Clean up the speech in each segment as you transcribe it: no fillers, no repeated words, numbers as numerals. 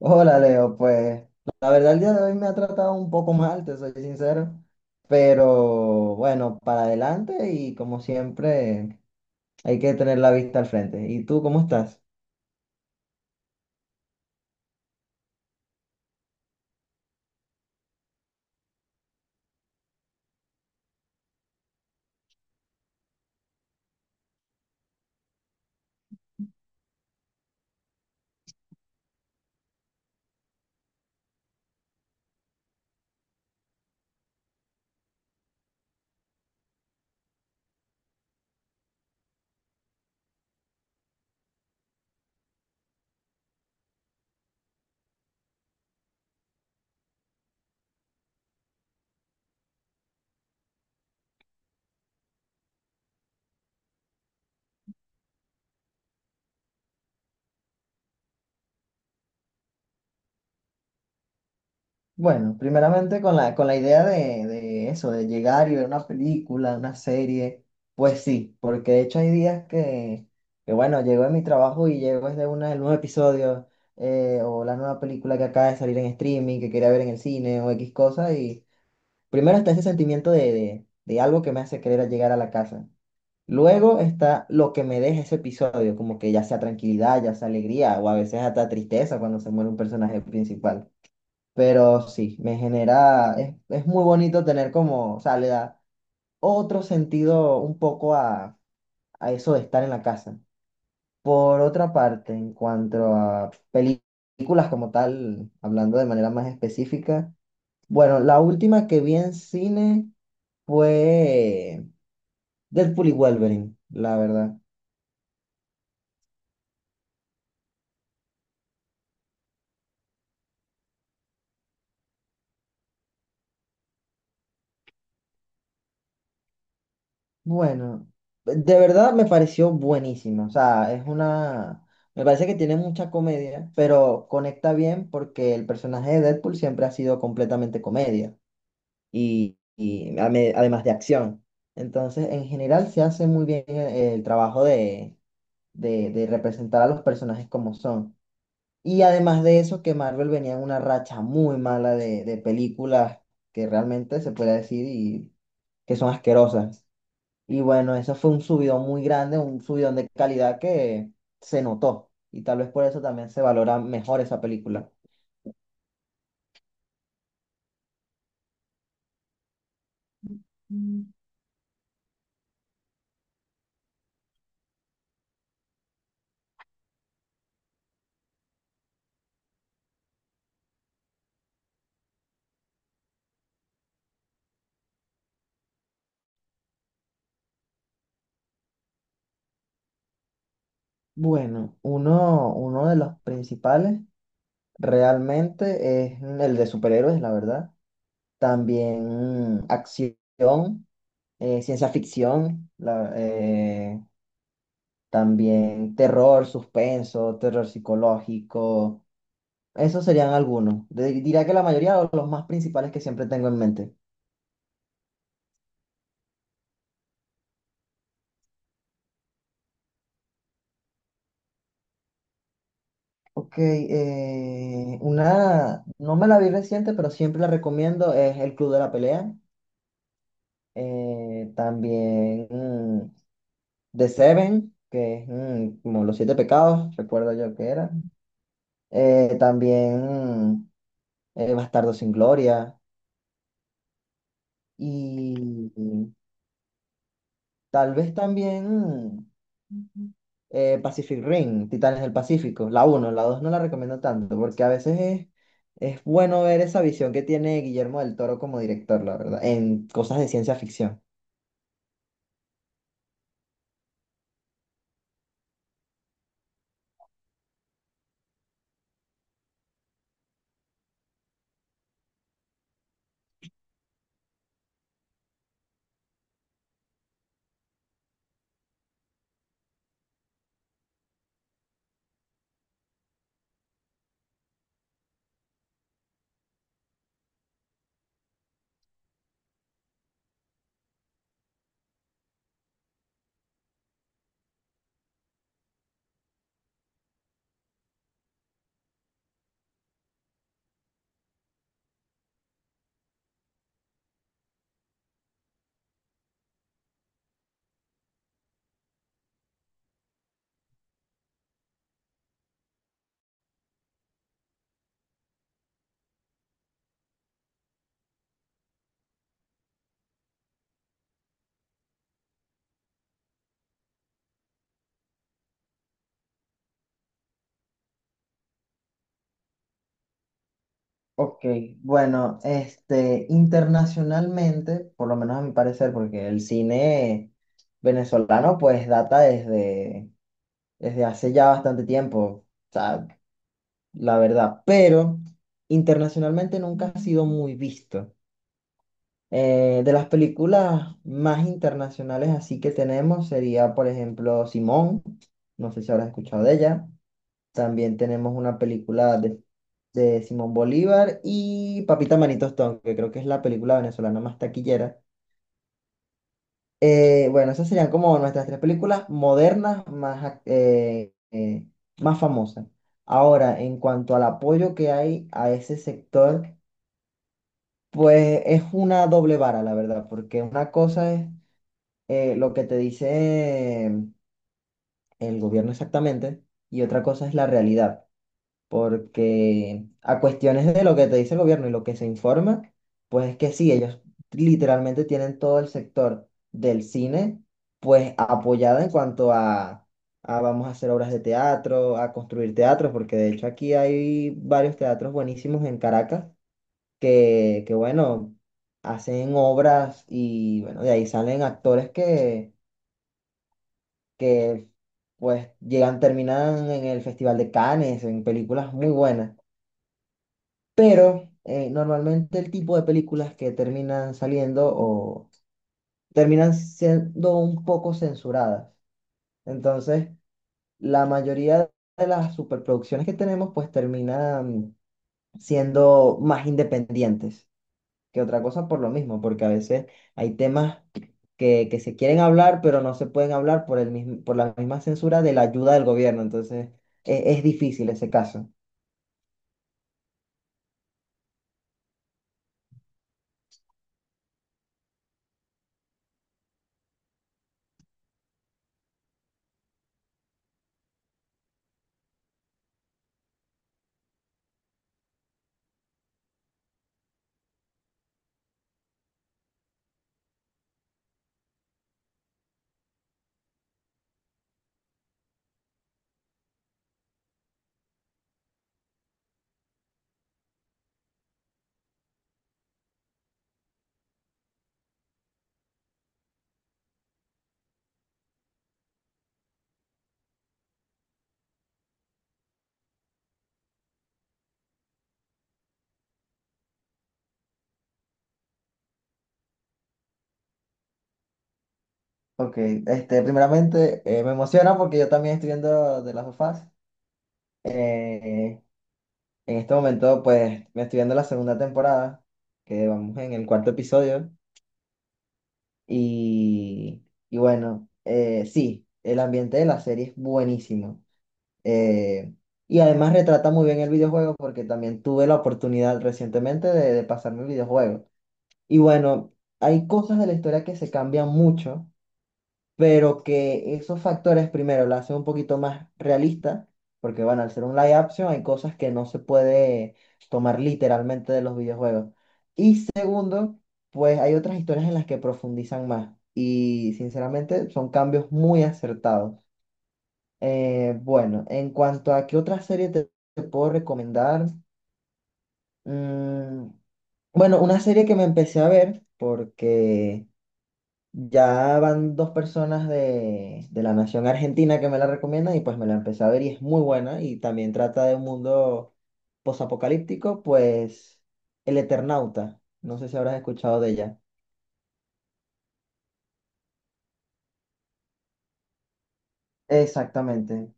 Hola Leo, pues la verdad el día de hoy me ha tratado un poco mal, te soy sincero, pero bueno, para adelante y como siempre hay que tener la vista al frente. ¿Y tú cómo estás? Bueno, primeramente con la idea de eso, de llegar y ver una película, una serie, pues sí, porque de hecho hay días que bueno, llego de mi trabajo y llego desde una, el nuevo episodio o la nueva película que acaba de salir en streaming, que quería ver en el cine o X cosa y... Primero está ese sentimiento de algo que me hace querer llegar a la casa. Luego está lo que me deja ese episodio, como que ya sea tranquilidad, ya sea alegría, o a veces hasta tristeza cuando se muere un personaje principal. Pero sí, me genera, es muy bonito tener como, o sea, le da otro sentido un poco a eso de estar en la casa. Por otra parte, en cuanto a películas como tal, hablando de manera más específica, bueno, la última que vi en cine fue Deadpool y Wolverine, la verdad. Bueno, de verdad me pareció buenísima. O sea, es una... Me parece que tiene mucha comedia, pero conecta bien porque el personaje de Deadpool siempre ha sido completamente comedia y además de acción. Entonces, en general, se hace muy bien el trabajo de representar a los personajes como son. Y además de eso, que Marvel venía en una racha muy mala de películas que realmente se puede decir y que son asquerosas. Y bueno, eso fue un subidón muy grande, un subidón de calidad que se notó. Y tal vez por eso también se valora mejor esa película. Mm. Bueno, uno de los principales realmente es el de superhéroes, la verdad. También acción, ciencia ficción, también terror, suspenso, terror psicológico. Esos serían algunos. Diría que la mayoría o los más principales que siempre tengo en mente. Ok, una, no me la vi reciente, pero siempre la recomiendo, es El Club de la Pelea. También The Seven, que es como Los Siete Pecados, recuerdo yo que era. También mm, Bastardo sin Gloria. Y tal vez también ujú, Pacific Rim, Titanes del Pacífico, la uno la 2 no la recomiendo tanto, porque a veces es bueno ver esa visión que tiene Guillermo del Toro como director, la verdad, en cosas de ciencia ficción. Ok, bueno, este, internacionalmente, por lo menos a mi parecer, porque el cine venezolano pues data desde hace ya bastante tiempo, o sea, la verdad, pero internacionalmente nunca ha sido muy visto. De las películas más internacionales así que tenemos sería, por ejemplo, Simón. No sé si habrás escuchado de ella. También tenemos una película de Simón Bolívar y Papita Manito Stone, que creo que es la película venezolana más taquillera. Bueno, esas serían como nuestras tres películas modernas más, más famosas. Ahora, en cuanto al apoyo que hay a ese sector, pues es una doble vara, la verdad, porque una cosa es lo que te dice el gobierno exactamente y otra cosa es la realidad, porque a cuestiones de lo que te dice el gobierno y lo que se informa, pues es que sí, ellos literalmente tienen todo el sector del cine pues apoyado en cuanto a vamos a hacer obras de teatro, a construir teatros, porque de hecho aquí hay varios teatros buenísimos en Caracas que bueno, hacen obras y bueno, de ahí salen actores que pues llegan, terminan en el Festival de Cannes, en películas muy buenas. Pero normalmente el tipo de películas que terminan saliendo o terminan siendo un poco censuradas. Entonces, la mayoría de las superproducciones que tenemos pues terminan siendo más independientes, que otra cosa por lo mismo, porque a veces hay temas que se quieren hablar, pero no se pueden hablar por el mismo, por la misma censura de la ayuda del gobierno. Entonces, es difícil ese caso. Ok, este, primeramente me emociona porque yo también estoy viendo de las sofás. Eh, en este momento, pues, me estoy viendo la segunda temporada, que vamos en el cuarto episodio. Y, y bueno, sí, el ambiente de la serie es buenísimo. Eh, y además retrata muy bien el videojuego porque también tuve la oportunidad recientemente de pasarme el videojuego. Y bueno, hay cosas de la historia que se cambian mucho, pero que esos factores primero la hacen un poquito más realista, porque bueno, al ser un live action hay cosas que no se puede tomar literalmente de los videojuegos. Y segundo, pues hay otras historias en las que profundizan más. Y sinceramente son cambios muy acertados. Bueno, en cuanto a qué otra serie te puedo recomendar, mm, bueno, una serie que me empecé a ver porque ya van dos personas de la nación argentina que me la recomiendan y pues me la empecé a ver y es muy buena y también trata de un mundo posapocalíptico, pues El Eternauta, no sé si habrás escuchado de ella. Exactamente.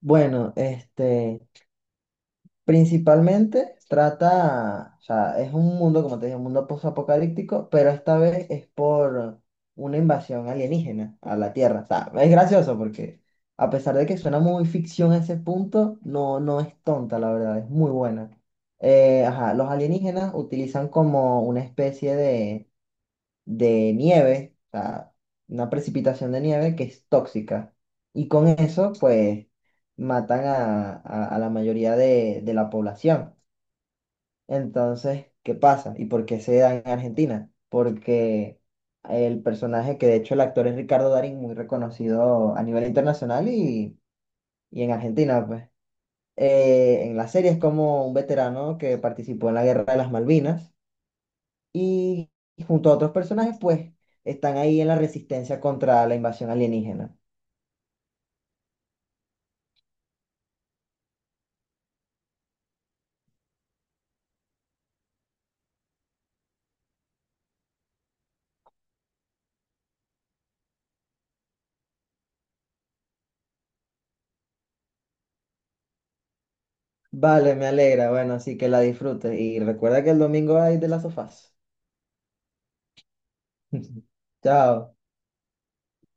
Bueno, este, principalmente trata, o sea, es un mundo, como te dije, un mundo post-apocalíptico, pero esta vez es por una invasión alienígena a la Tierra. O sea, es gracioso porque a pesar de que suena muy ficción a ese punto, no, no es tonta, la verdad, es muy buena. Ajá, los alienígenas utilizan como una especie de nieve, o sea, una precipitación de nieve que es tóxica. Y con eso, pues, matan a la mayoría de la población. Entonces, ¿qué pasa? ¿Y por qué se da en Argentina? Porque el personaje, que de hecho el actor es Ricardo Darín, muy reconocido a nivel internacional y en Argentina, pues en la serie es como un veterano que participó en la Guerra de las Malvinas y junto a otros personajes, pues están ahí en la resistencia contra la invasión alienígena. Vale, me alegra. Bueno, así que la disfrutes y recuerda que el domingo hay de las sofás. Chao.